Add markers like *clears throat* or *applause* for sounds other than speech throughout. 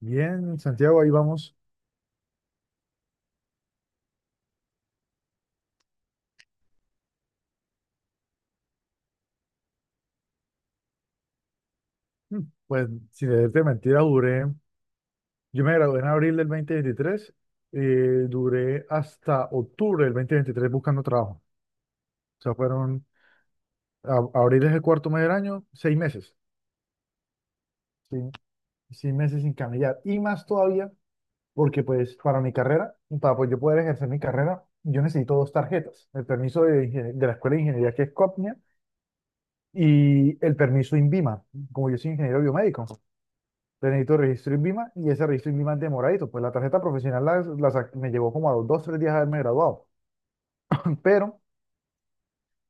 Bien, Santiago, ahí vamos. Mm, Pues, sin decirte mentira, duré. Yo me gradué en abril del 2023 . Duré hasta octubre del 2023 buscando trabajo. O sea, fueron. Abril es el cuarto mes del año, 6 meses. Sí, 6 meses sin cambiar. Y más todavía, porque, pues, para mi carrera, para pues, yo poder ejercer mi carrera, yo necesito dos tarjetas: el permiso de la Escuela de Ingeniería, que es COPNIA, y el permiso INVIMA, como yo soy ingeniero biomédico. Te necesito registro en INVIMA y ese registro en INVIMA es demoradito. Pues la tarjeta profesional me llevó como a los dos, tres días de haberme graduado. *clears throat* Pero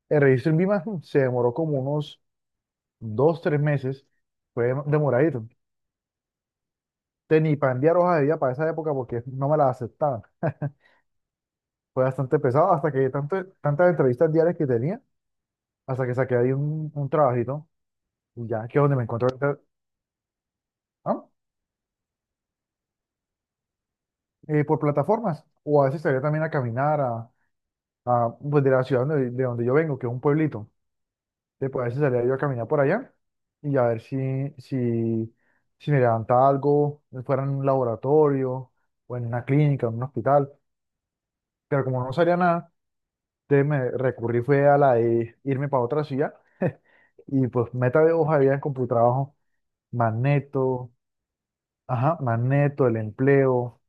el registro en INVIMA *laughs* se demoró como unos dos, tres meses. Fue demoradito. Te ni para enviar hojas de vida para esa época porque no me las aceptaban. Fue bastante pesado hasta que tanto, tantas entrevistas diarias que tenía, hasta que saqué ahí un trabajito. Y ya, que es donde me encuentro ahorita. ¿Ah? Por plataformas. O a veces salía también a caminar pues de la ciudad de donde yo vengo, que es un pueblito. Después a veces salía yo a caminar por allá y a ver si, si me levantaba algo, fuera en un laboratorio o en una clínica, en un hospital. Pero como no salía nada, entonces me recurrí fue a la de irme para otra ciudad y pues meta de hoja había en Computrabajo, Magneto, ajá, Magneto, el empleo,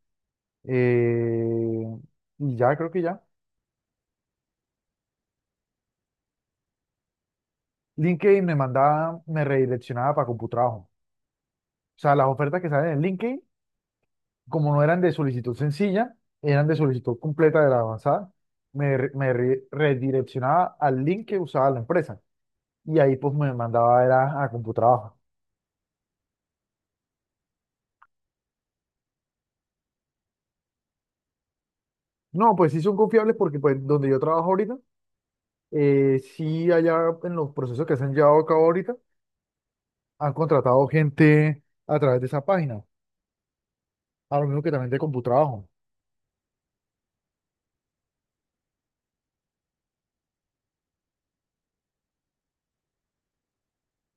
eh, y ya creo que ya. LinkedIn me mandaba, me redireccionaba para CompuTrabajo. O sea, las ofertas que salen en LinkedIn como no eran de solicitud sencilla, eran de solicitud completa de la avanzada, me redireccionaba al link que usaba la empresa y ahí pues me mandaba era a Computrabajo. No, pues sí son confiables porque pues donde yo trabajo ahorita, sí allá en los procesos que se han llevado a cabo ahorita, han contratado gente a través de esa página, a lo mismo que también de Computrabajo.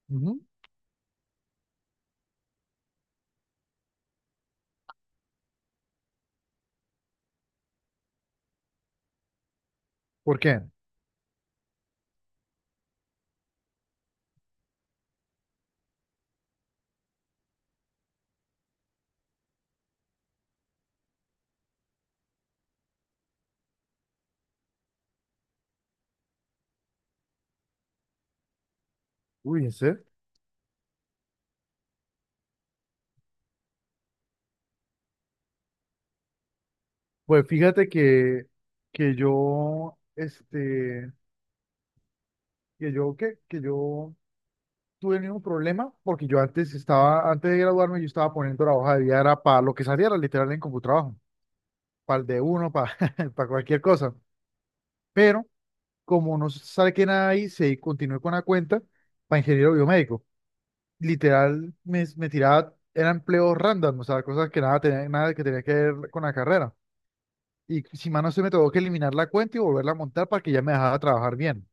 Ujú. ¿Por qué? Uy, ¿en serio? Pues fíjate que yo, este, que yo, ¿qué? Que yo tuve el mismo problema porque yo antes estaba, antes de graduarme, yo estaba poniendo la hoja de vida, era para lo que saliera literal en Computrabajo, para el de uno, para, *laughs* para cualquier cosa. Pero como no sale que nada ahí, se continué con la cuenta para ingeniero biomédico. Literal, me tiraba, era empleo random, o sea, cosas que nada, tenía, nada que tenía que ver con la carrera. Y si más no se me tuvo que eliminar la cuenta y volverla a montar para que ya me dejara trabajar bien.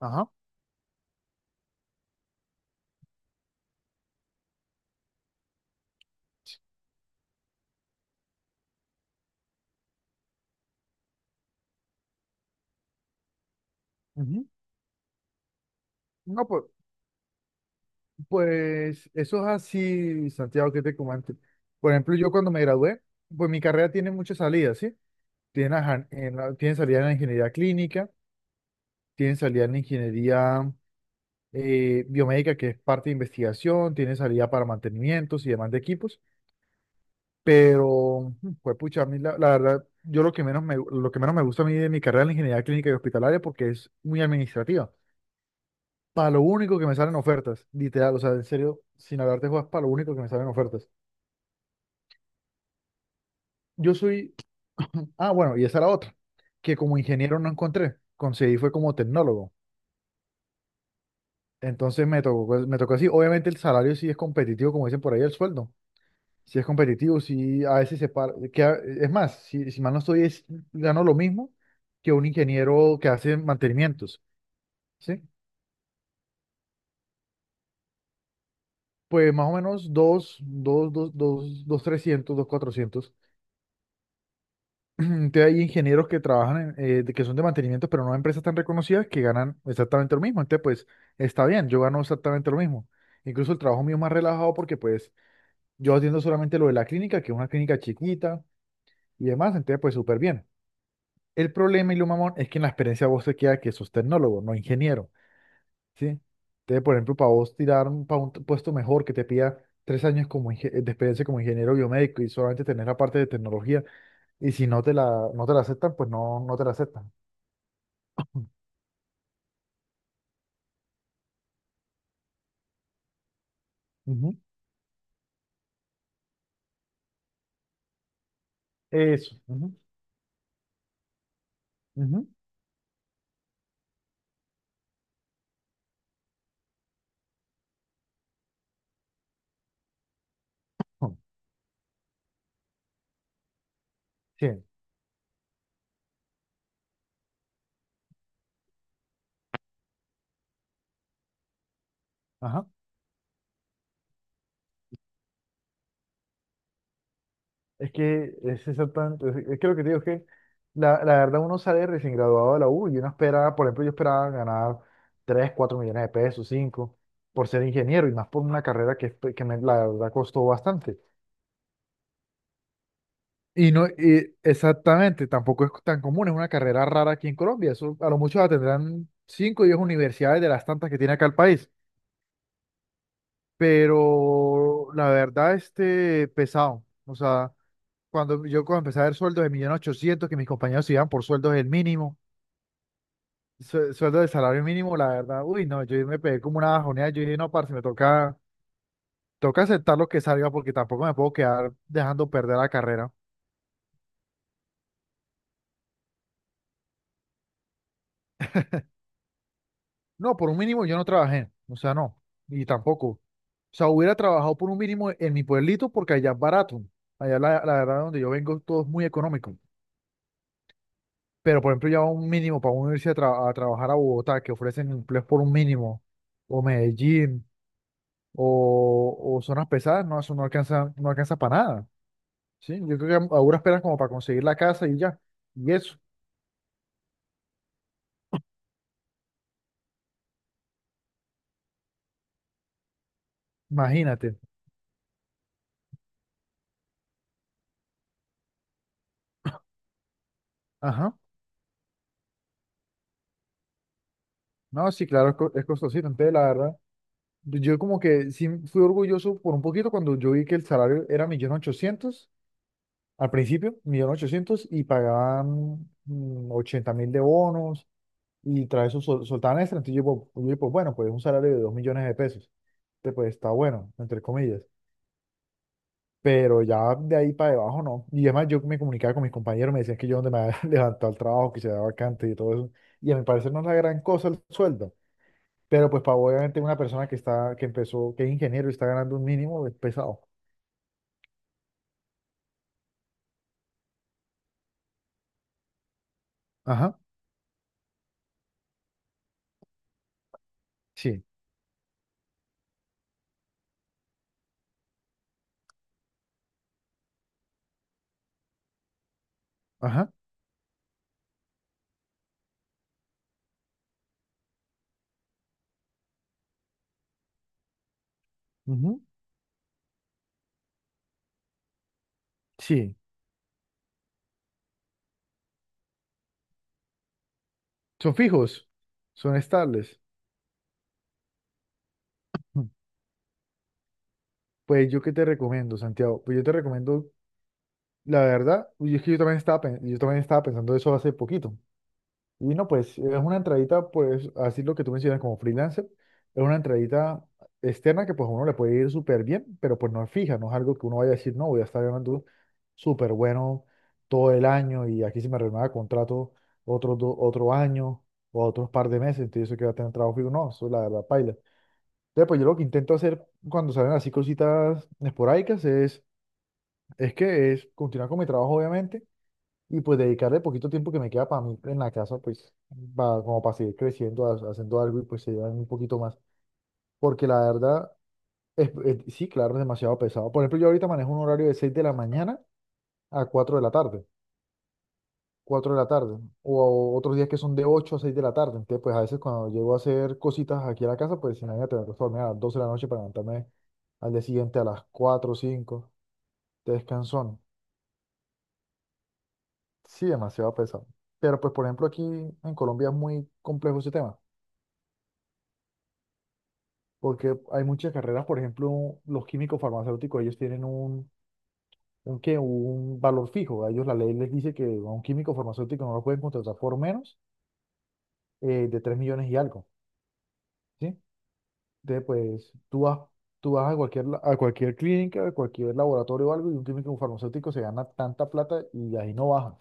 Ajá. Ujú. No, pues. Eso es así, Santiago, que te comento. Por ejemplo, yo cuando me gradué, pues mi carrera tiene muchas salidas, ¿sí? Tiene salida en la ingeniería clínica, tiene salida en la ingeniería biomédica, que es parte de investigación, tiene salida para mantenimientos y demás de equipos, pero, pues pucha, a mí la verdad, yo lo que menos me gusta a mí de mi carrera en la ingeniería clínica y hospitalaria porque es muy administrativa. Para lo único que me salen ofertas, literal, o sea, en serio, sin hablarte juegas, para lo único que me salen ofertas. Yo soy Ah, bueno, y esa era otra, que como ingeniero no encontré, conseguí fue como tecnólogo. Entonces me tocó, pues, me tocó así. Obviamente el salario sí es competitivo, como dicen por ahí, el sueldo. Sí es competitivo, sí a veces se para. Que es más, si mal no estoy, gano lo mismo que un ingeniero que hace mantenimientos, ¿sí? Pues más o menos dos, dos, dos, dos, dos, 300, dos, 400. Entonces hay ingenieros que trabajan, que son de mantenimiento, pero no en empresas tan reconocidas que ganan exactamente lo mismo. Entonces, pues, está bien, yo gano exactamente lo mismo. Incluso el trabajo mío es más relajado porque, pues, yo atiendo solamente lo de la clínica, que es una clínica chiquita y demás, entonces, pues, súper bien. El problema y lo mamón es que en la experiencia vos te queda que sos tecnólogo, no ingeniero, ¿sí? Entonces, por ejemplo, para vos tirar para un puesto mejor que te pida 3 años como de experiencia como ingeniero biomédico y solamente tener la parte de tecnología, y si no te la, no te la aceptan, pues no, no te la aceptan. Ujú. Eso. Ujú. Ujú. Ujú. Sí. Ajá. Es que es exactamente, es que lo que te digo es que la verdad uno sale recién graduado de la U y uno espera, por ejemplo, yo esperaba ganar 3 4 millones de pesos, 5 por ser ingeniero y más por una carrera que, pues, la verdad costó bastante. Y no, y exactamente, tampoco es tan común, es una carrera rara aquí en Colombia. Eso a lo mucho la tendrán 5 o 10 universidades de las tantas que tiene acá el país. Pero la verdad, este, pesado. O sea, cuando empecé a ver sueldos de 1.800.000, que mis compañeros se iban por sueldos del mínimo, sueldo de salario mínimo, la verdad, uy, no, yo me pegué como una bajoneada, yo dije, no, parce, me toca, toca aceptar lo que salga porque tampoco me puedo quedar dejando perder la carrera. No, por un mínimo yo no trabajé, o sea, no, y tampoco. O sea, hubiera trabajado por un mínimo en mi pueblito porque allá es barato. Allá la verdad donde yo vengo todo es muy económico. Pero por ejemplo, ya un mínimo para uno irse a trabajar a Bogotá, que ofrecen empleos por un mínimo, o Medellín o zonas pesadas, no, eso no alcanza, no alcanza para nada, ¿sí? Yo creo que ahora esperan como para conseguir la casa y ya, y eso, imagínate, ajá, no, sí, claro, es costosito, entonces la verdad, yo como que sí fui orgulloso por un poquito cuando yo vi que el salario era 1.800.000, al principio, 1.800.000, y pagaban 80.000 de bonos, y tras eso soltaban extra, entonces yo, pues bueno, pues un salario de 2.000.000 de pesos, entonces pues está bueno, entre comillas. Pero ya de ahí para debajo no. Y además yo me comunicaba con mis compañeros, me decían que yo donde me había *laughs* levantado el trabajo, que se daba vacante y todo eso. Y a mi parecer no es la gran cosa el sueldo. Pero pues para obviamente una persona que está, que empezó, que es ingeniero y está ganando un mínimo, es pesado. Ajá, sí, ajá, ujú, sí. Son fijos, son estables. Mm. Pues yo qué te recomiendo, Santiago. Pues yo te recomiendo, la verdad, y es que yo también estaba, yo también estaba pensando eso hace poquito. Y no, pues es una entradita, pues así lo que tú mencionas como freelancer, es una entradita externa que pues a uno le puede ir súper bien, pero pues no es fija, no es algo que uno vaya a decir, no, voy a estar ganando súper bueno todo el año y aquí se me renueva contrato otro, otro año o otros par de meses, entonces eso que va a tener trabajo fijo, no, eso la verdad paila. Entonces pues yo lo que intento hacer cuando salen así cositas esporádicas es continuar con mi trabajo obviamente y pues dedicarle poquito tiempo que me queda para mí en la casa, pues para, como para seguir creciendo, haciendo algo y pues se llevan un poquito más. Porque la verdad, sí, claro, es demasiado pesado. Por ejemplo, yo ahorita manejo un horario de 6 de la mañana a 4 de la tarde, 4 de la tarde, o, otros días que son de 8 a 6 de la tarde. Entonces, pues a veces cuando llego a hacer cositas aquí a la casa, pues imagínate, me acuesto a dormir a las 12 de la noche para levantarme al día siguiente a las 4 o 5, descansón. Sí, demasiado pesado. Pero pues, por ejemplo, aquí en Colombia es muy complejo ese tema, porque hay muchas carreras, por ejemplo, los químicos farmacéuticos, ellos tienen un, ¿qué? Un valor fijo. A ellos la ley les dice que a un químico farmacéutico no lo pueden contratar por menos de 3.000.000 y algo, ¿sí? Entonces, pues tú vas a cualquier, a cualquier clínica, a cualquier laboratorio o algo, y un químico farmacéutico se gana tanta plata y ahí no baja.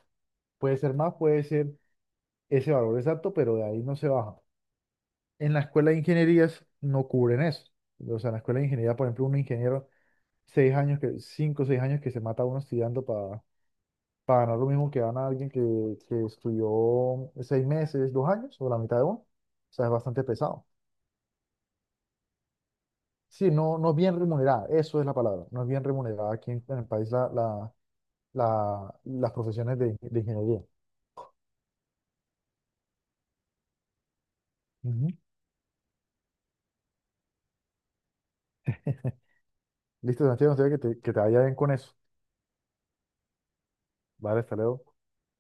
Puede ser más, puede ser ese valor exacto, pero de ahí no se baja. En la escuela de ingenierías no cubren eso. O sea, en la escuela de ingeniería, por ejemplo, un ingeniero 6 años que, 5 o 6 años que se mata uno estudiando para ganar lo mismo que gana alguien que estudió 6 meses, 2 años o la mitad de uno. O sea, es bastante pesado. Sí, no, no es bien remunerada, eso es la palabra. No es bien remunerada aquí en el país las profesiones de ingeniería. Ujú. Listo, Santiago, no sé que te vaya bien con eso. Vale, hasta luego.